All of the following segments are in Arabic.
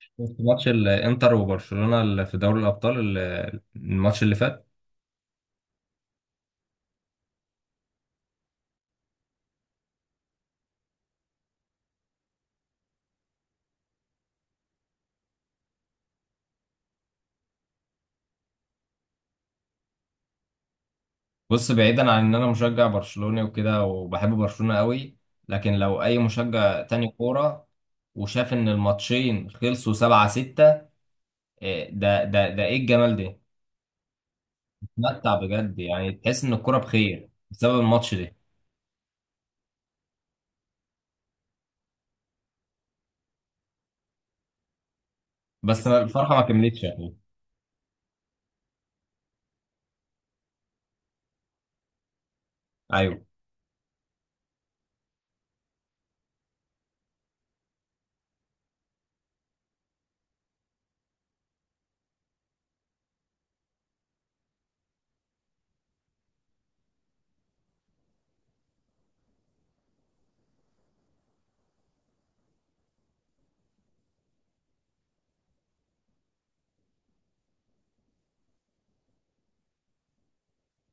شفت ماتش الانتر وبرشلونة اللي في دوري الابطال الماتش اللي فات. بص، بعيدا عن ان انا مشجع برشلوني وكده وبحب برشلونة قوي، لكن لو اي مشجع تاني كورة وشاف ان الماتشين خلصوا 7-6، ده ايه الجمال ده؟ متمتع بجد، يعني تحس ان الكورة بخير بسبب الماتش ده. بس أنا الفرحة ما كملتش يعني. ايوه.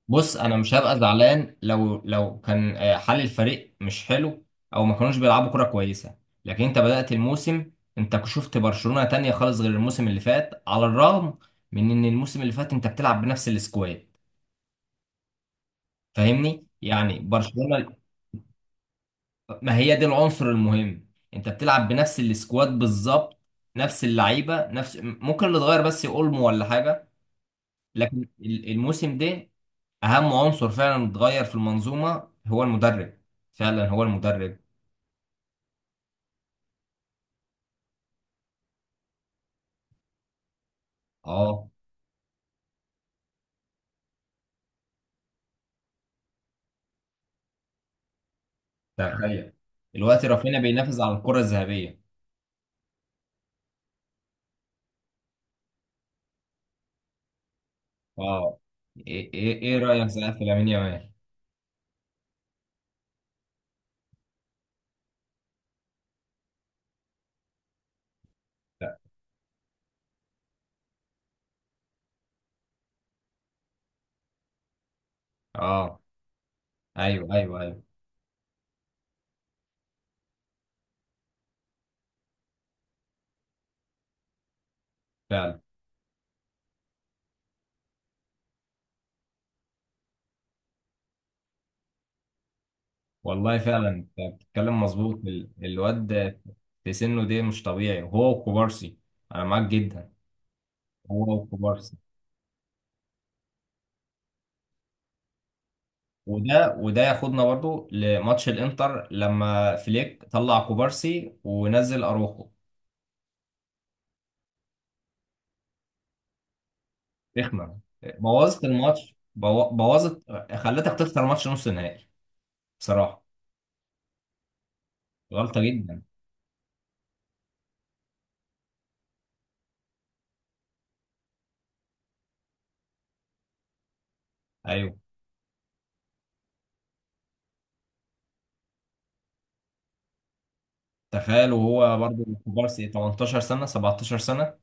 بص، انا مش هبقى زعلان لو كان حال الفريق مش حلو، او ما كانوش بيلعبوا كرة كويسة. لكن انت بدأت الموسم، انت شفت برشلونة تانية خالص غير الموسم اللي فات، على الرغم من ان الموسم اللي فات انت بتلعب بنفس السكواد. فاهمني؟ يعني برشلونة. ما هي دي العنصر المهم، انت بتلعب بنفس السكواد بالظبط، نفس اللعيبة، نفس ممكن اللي اتغير بس اولمو ولا حاجة. لكن الموسم ده، اهم عنصر فعلا اتغير في المنظومه هو المدرب، فعلا هو المدرب. اه. تخيل دلوقتي رافينيا بينافس على الكره الذهبيه. اه. ايه إيه رايك صحيح في لامين يامال؟ اه، ايوه ايوه ايوه. فعلا، والله فعلا انت بتتكلم مظبوط، الواد في سنه ده مش طبيعي، وهو وكوبارسي. انا معاك جدا. هو وكوبارسي. وده ياخدنا برضو لماتش الانتر لما فليك طلع كوبارسي ونزل اروخو. رخمه. بوظت الماتش، بوظت، خلتك تخسر ماتش نص النهائي، بصراحه. غلطه جدا. ايوه. تخيل، وهو برضه كبار سي 18 سنه، 17 سنه.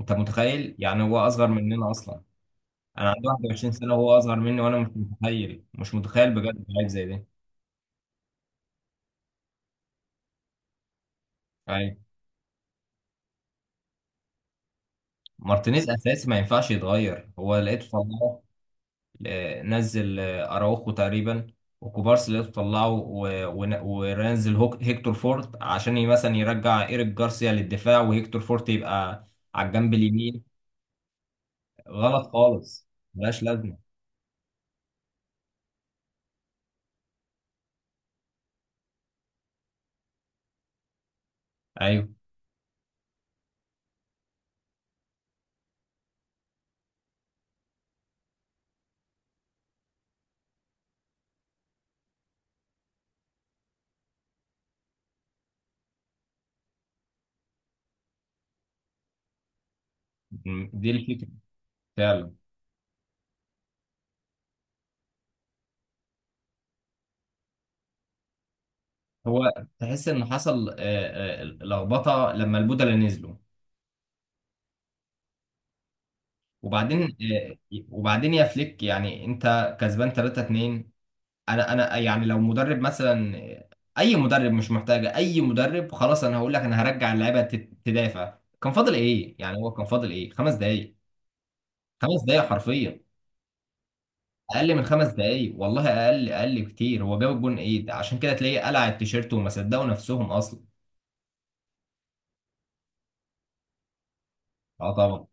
انت متخيل يعني؟ هو اصغر مننا اصلا، انا عندي 21 سنه وهو اصغر مني، وانا مش متخيل، مش متخيل بجد حاجه زي دي. ايوه. مارتينيز اساسي، ما ينفعش يتغير، هو لقيته طلعه، نزل اراوخو تقريبا. وكوبارسي لقيته طلعه، ونزل هيكتور فورت عشان مثلا يرجع ايريك جارسيا للدفاع، وهيكتور فورت يبقى على الجنب اليمين. غلط خالص. ملهاش لازمه. ايوه، دي الفكره. فعلا. هو تحس ان حصل، لخبطه لما البودلة نزلوا. وبعدين آه، وبعدين يا فليك، يعني انت كسبان 3-2، انا يعني لو مدرب مثلا، اي مدرب مش محتاجه اي مدرب، خلاص انا هقول لك، انا هرجع اللعيبه تدافع. كان فاضل ايه؟ يعني هو كان فاضل ايه؟ 5 دقايق، 5 دقايق حرفيا. اقل من 5 دقايق، والله اقل، اقل كتير. هو جاب الجون، ايه ده؟ عشان كده تلاقيه قلع التيشيرت وما صدقوا نفسهم اصلا. اه طبعا.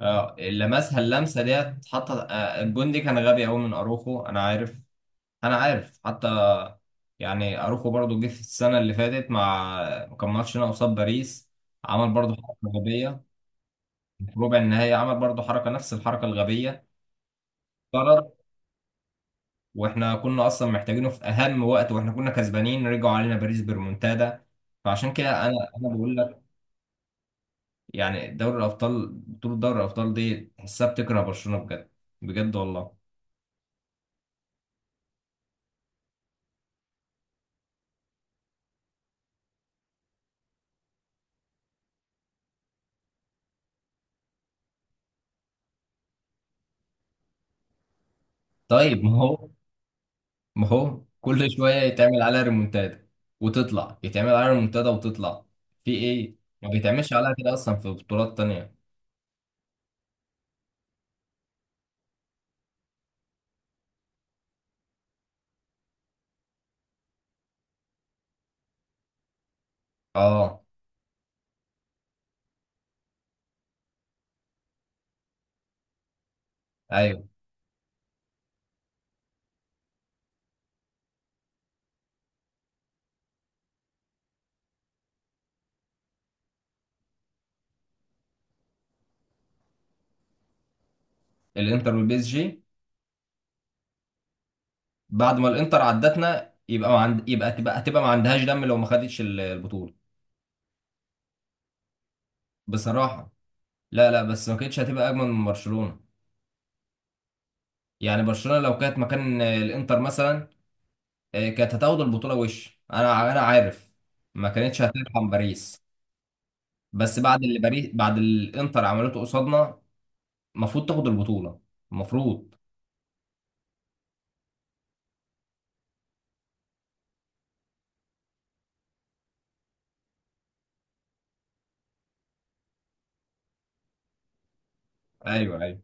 اه، لمسها اللمسه ديت، اتحط الجون دي كان غبي قوي من اروخو، انا عارف، انا عارف حتى. يعني اروخو برضو جه في السنه اللي فاتت مع، كان ماتش هنا قصاد باريس، عمل برضو حركه غبيه. في ربع النهائي عمل برضو حركه، نفس الحركه الغبيه. طرد. واحنا كنا اصلا محتاجينه في اهم وقت، واحنا كنا كسبانين رجعوا علينا باريس بريمونتادا. فعشان كده انا بقول لك، يعني دوري الابطال، بطوله دوري الابطال دي تحسها بتكره برشلونه بجد. بجد والله. طيب، ما هو كل شوية يتعمل عليها ريمونتادا وتطلع، يتعمل عليها ريمونتادا وتطلع. في ايه؟ ما بيتعملش عليها كده اصلا في بطولات تانية. اه، ايوه. الانتر والبي اس جي. بعد ما الانتر عدتنا، يبقى ما عند... يبقى هتبقى ما عندهاش دم لو ما خدتش البطولة. بصراحة. لا لا، بس ما كانتش هتبقى اجمل من برشلونة. يعني برشلونة لو كانت مكان الانتر مثلا، كانت هتاخد البطولة، وش انا عارف ما كانتش هترحم باريس. بس بعد اللي الانتر عملته قصادنا، المفروض تاخد البطولة، المفروض. ايوه ايوه.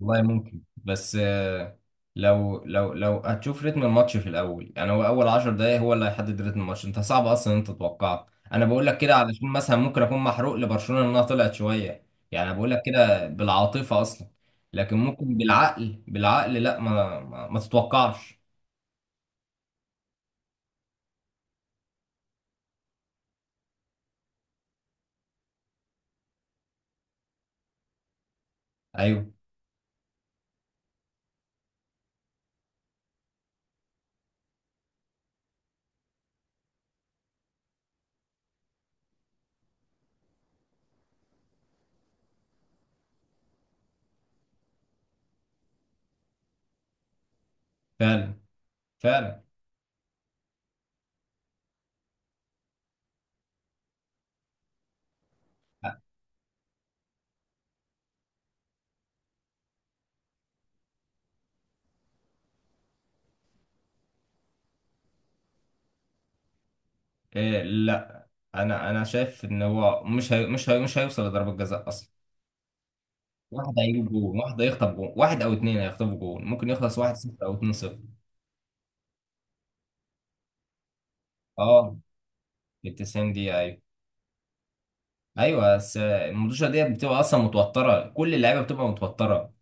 والله ممكن، بس لو هتشوف رتم الماتش في الاول، يعني هو اول 10 دقايق هو اللي هيحدد رتم الماتش، انت صعب اصلا إن انت تتوقع. انا بقول لك كده علشان مثلا ممكن اكون محروق لبرشلونة انها طلعت شوية، يعني أنا بقول لك كده بالعاطفة اصلا. لكن ممكن بالعقل، بالعقل لا، ما تتوقعش. ايوه. فعلا فعلا آه، إيه، لا، انا شايف ان هو مش هيوصل لضربة جزاء اصلا. واحد هيجيب جون، واحد هيخطف جون، واحد او اتنين هيخطفوا جون، ممكن يخلص 1-0 او 2-0. اه، في ال 90 دقيقة، ايوه. ايوه، بس المدوشة ديت بتبقى اصلا متوترة، كل اللعيبة بتبقى متوترة،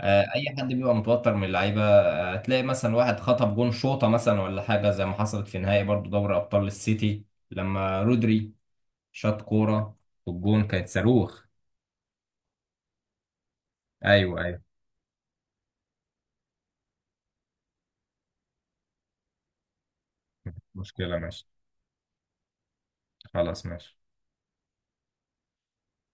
اي حد بيبقى متوتر من اللعيبة. هتلاقي مثلا واحد خطف جون شوطة مثلا، ولا حاجة زي ما حصلت في نهائي برضو دوري ابطال السيتي، لما رودري شاط كورة والجون كانت صاروخ. ايوه ايوه. مشكلة ماشي. خلاص ماشي.